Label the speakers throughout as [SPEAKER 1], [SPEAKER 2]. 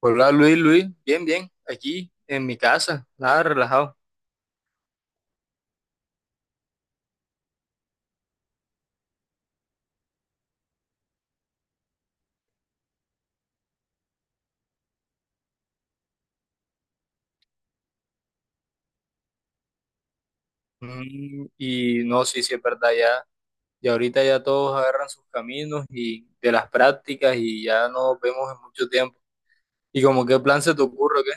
[SPEAKER 1] Hola Luis, Luis, bien, bien, aquí en mi casa, nada, relajado. Mm, y no, sí, sí, es verdad, ya, ya ahorita ya todos agarran sus caminos y de las prácticas y ya no nos vemos en mucho tiempo. ¿Y como qué plan se te ocurre, o qué?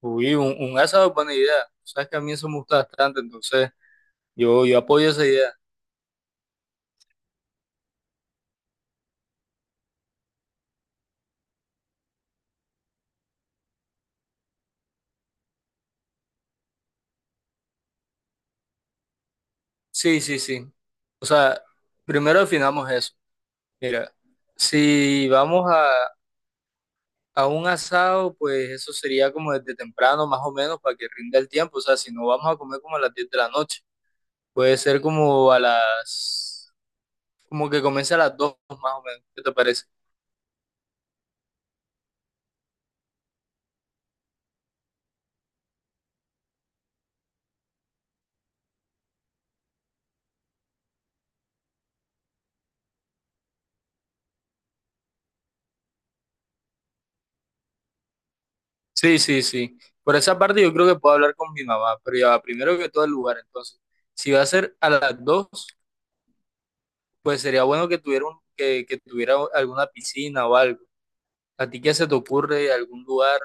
[SPEAKER 1] Uy, un asado es buena idea. Sabes que a mí eso me gusta bastante, entonces yo apoyo esa idea. Sí, sí, sí. O sea, primero definamos eso. Mira, si vamos a A un asado, pues eso sería como desde temprano, más o menos, para que rinda el tiempo. O sea, si no vamos a comer como a las 10 de la noche, puede ser como como que comience a las 2 más o menos. ¿Qué te parece? Sí, sí, sí. Por esa parte yo creo que puedo hablar con mi mamá, pero ya va, primero que todo el lugar. Entonces, si va a ser a las dos, pues sería bueno que tuviera, que tuviera alguna piscina o algo. ¿A ti qué se te ocurre algún lugar?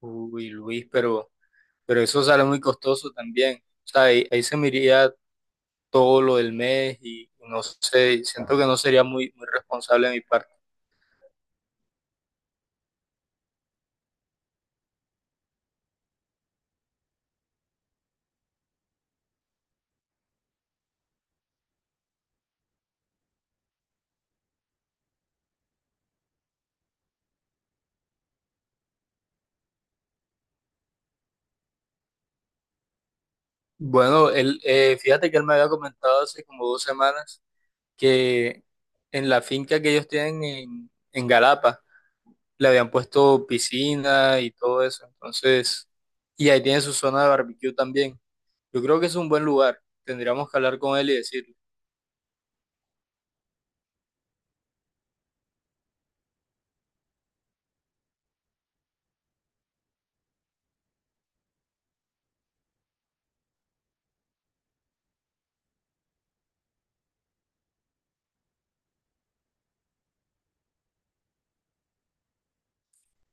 [SPEAKER 1] Uy, Luis, pero eso sale muy costoso también. O sea, ahí se me iría todo lo del mes y no sé, siento que no sería muy responsable de mi parte. Bueno, él, fíjate que él me había comentado hace como dos semanas que en la finca que ellos tienen en Galapa le habían puesto piscina y todo eso, entonces, y ahí tiene su zona de barbecue también. Yo creo que es un buen lugar, tendríamos que hablar con él y decirle.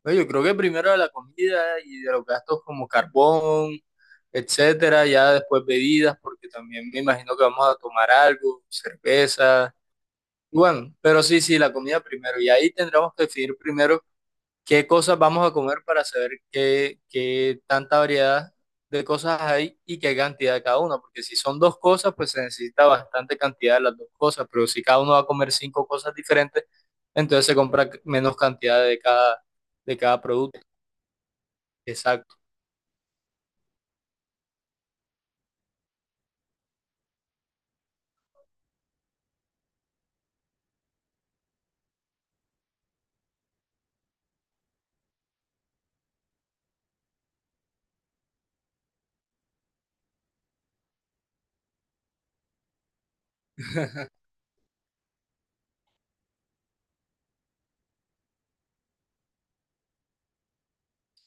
[SPEAKER 1] Oye, yo creo que primero de la comida y de los gastos como carbón, etcétera. Ya después bebidas, porque también me imagino que vamos a tomar algo, cerveza. Bueno, pero sí, sí, la comida primero. Y ahí tendremos que definir primero qué cosas vamos a comer para saber qué tanta variedad de cosas hay y qué cantidad de cada una. Porque si son dos cosas, pues se necesita bastante cantidad de las dos cosas. Pero si cada uno va a comer cinco cosas diferentes, entonces se compra menos cantidad de cada producto. Exacto.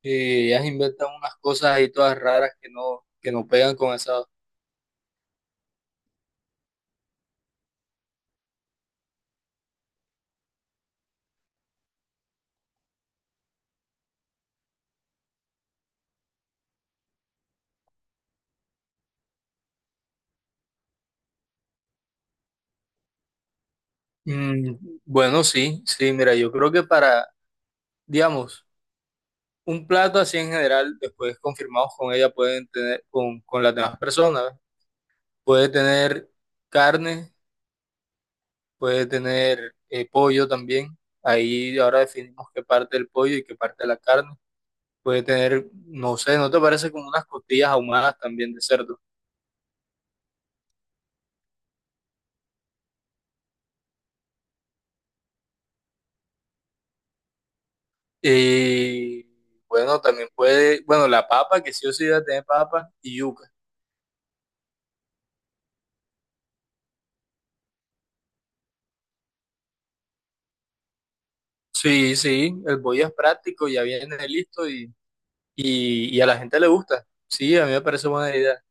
[SPEAKER 1] Y ellas inventan unas cosas ahí todas raras que no pegan con esa. Mm, bueno, sí, sí, mira, yo creo que para, digamos, un plato así en general, después confirmados con ella, pueden tener, con las demás personas, puede tener carne, puede tener pollo también. Ahí ahora definimos qué parte del pollo y qué parte de la carne. Puede tener, no sé, ¿no te parece como unas costillas ahumadas también de cerdo? Y bueno, también puede, bueno, la papa, que sí o sí debe tener papa y yuca. Sí, sí, el bollo es práctico, ya viene listo y a la gente le gusta. Sí, a mí me parece buena idea.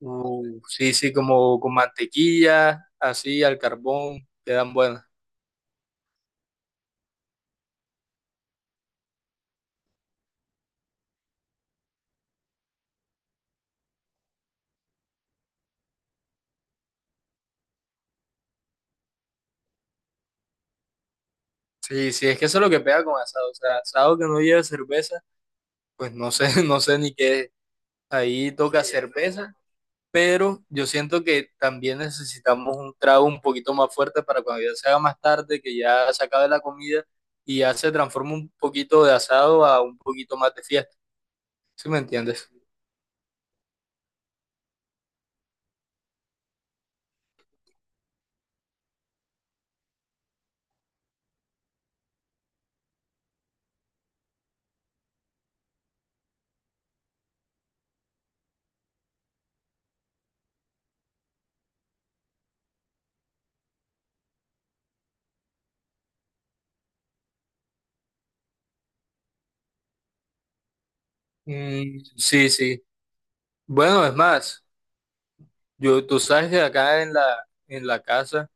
[SPEAKER 1] Sí, sí, como con mantequilla, así al carbón, quedan buenas. Sí, sí, es que eso es lo que pega con asado. O sea, asado que no lleve cerveza, pues no sé, no sé ni qué. Es. Ahí toca cerveza, pero yo siento que también necesitamos un trago un poquito más fuerte para cuando ya se haga más tarde, que ya se acabe la comida y ya se transforma un poquito de asado a un poquito más de fiesta, ¿sí me entiendes? Mm, sí, sí. Bueno, es más, yo, tú sabes que acá en la casa,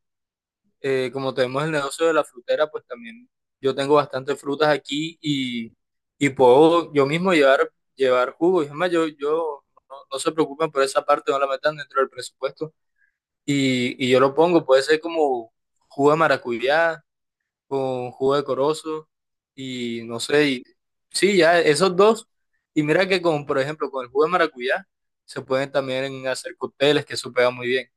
[SPEAKER 1] como tenemos el negocio de la frutera, pues también yo tengo bastantes frutas aquí y puedo yo mismo llevar, llevar jugo. Y es más, yo no, no se preocupen por esa parte, no la metan dentro del presupuesto. Y yo lo pongo, puede ser como jugo de maracuyá con jugo de corozo y no sé, sí, ya esos dos. Y mira que con, por ejemplo, con el jugo de maracuyá se pueden también hacer cócteles, que eso pega muy bien.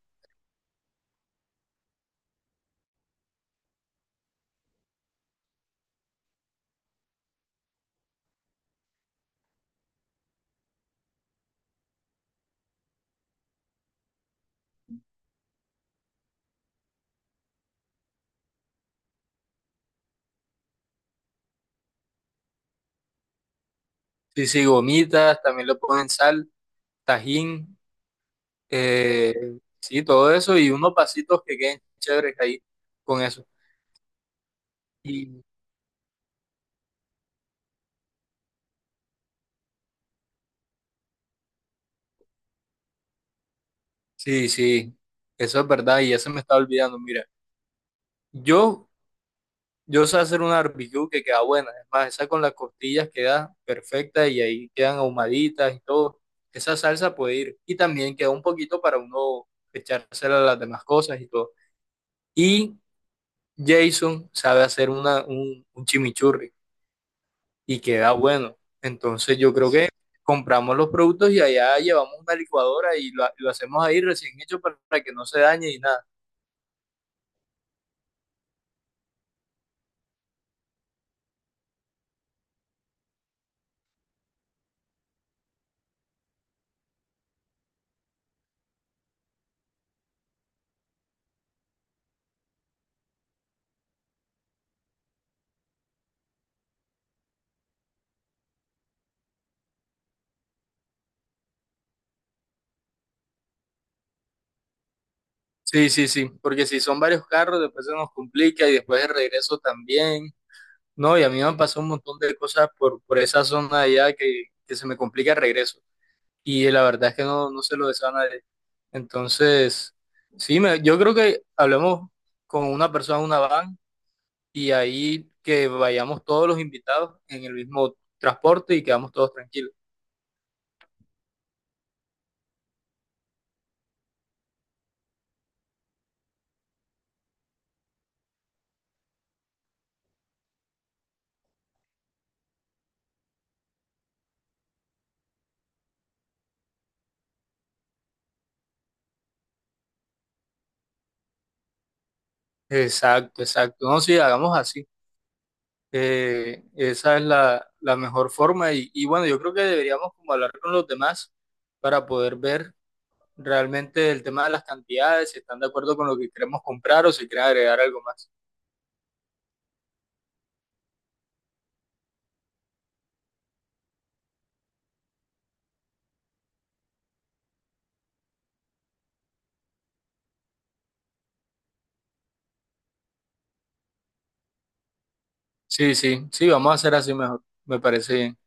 [SPEAKER 1] Sí, sí, gomitas, también le ponen sal, tajín, eh, sí, todo eso y unos pasitos que queden chéveres ahí con eso. Y sí, sí, eso es verdad y ya se me está olvidando. Mira, yo yo sé hacer una barbecue que queda buena. Es más, esa con las costillas queda perfecta y ahí quedan ahumaditas y todo. Esa salsa puede ir. Y también queda un poquito para uno echársela a las demás cosas y todo. Y Jason sabe hacer un chimichurri y queda bueno. Entonces yo creo que compramos los productos y allá llevamos una licuadora y lo hacemos ahí recién hecho para que no se dañe y nada. Sí, sí, sí, porque si son varios carros, después se nos complica y después el regreso también. No, y a mí me han pasado un montón de cosas por esa zona de allá que se me complica el regreso. Y la verdad es que no, no se lo deseo a nadie. Entonces, sí, yo creo que hablemos con una persona en una van y ahí que vayamos todos los invitados en el mismo transporte y quedamos todos tranquilos. Exacto, exacto. No, sí, hagamos así. Esa es la mejor forma. Y bueno, yo creo que deberíamos como hablar con los demás para poder ver realmente el tema de las cantidades, si están de acuerdo con lo que queremos comprar o si quieren agregar algo más. Sí, sí, sí, vamos a hacer así mejor. Me parece bien.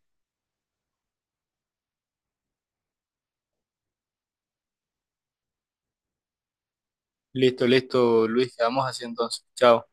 [SPEAKER 1] Listo, listo, Luis, quedamos así entonces. Chao.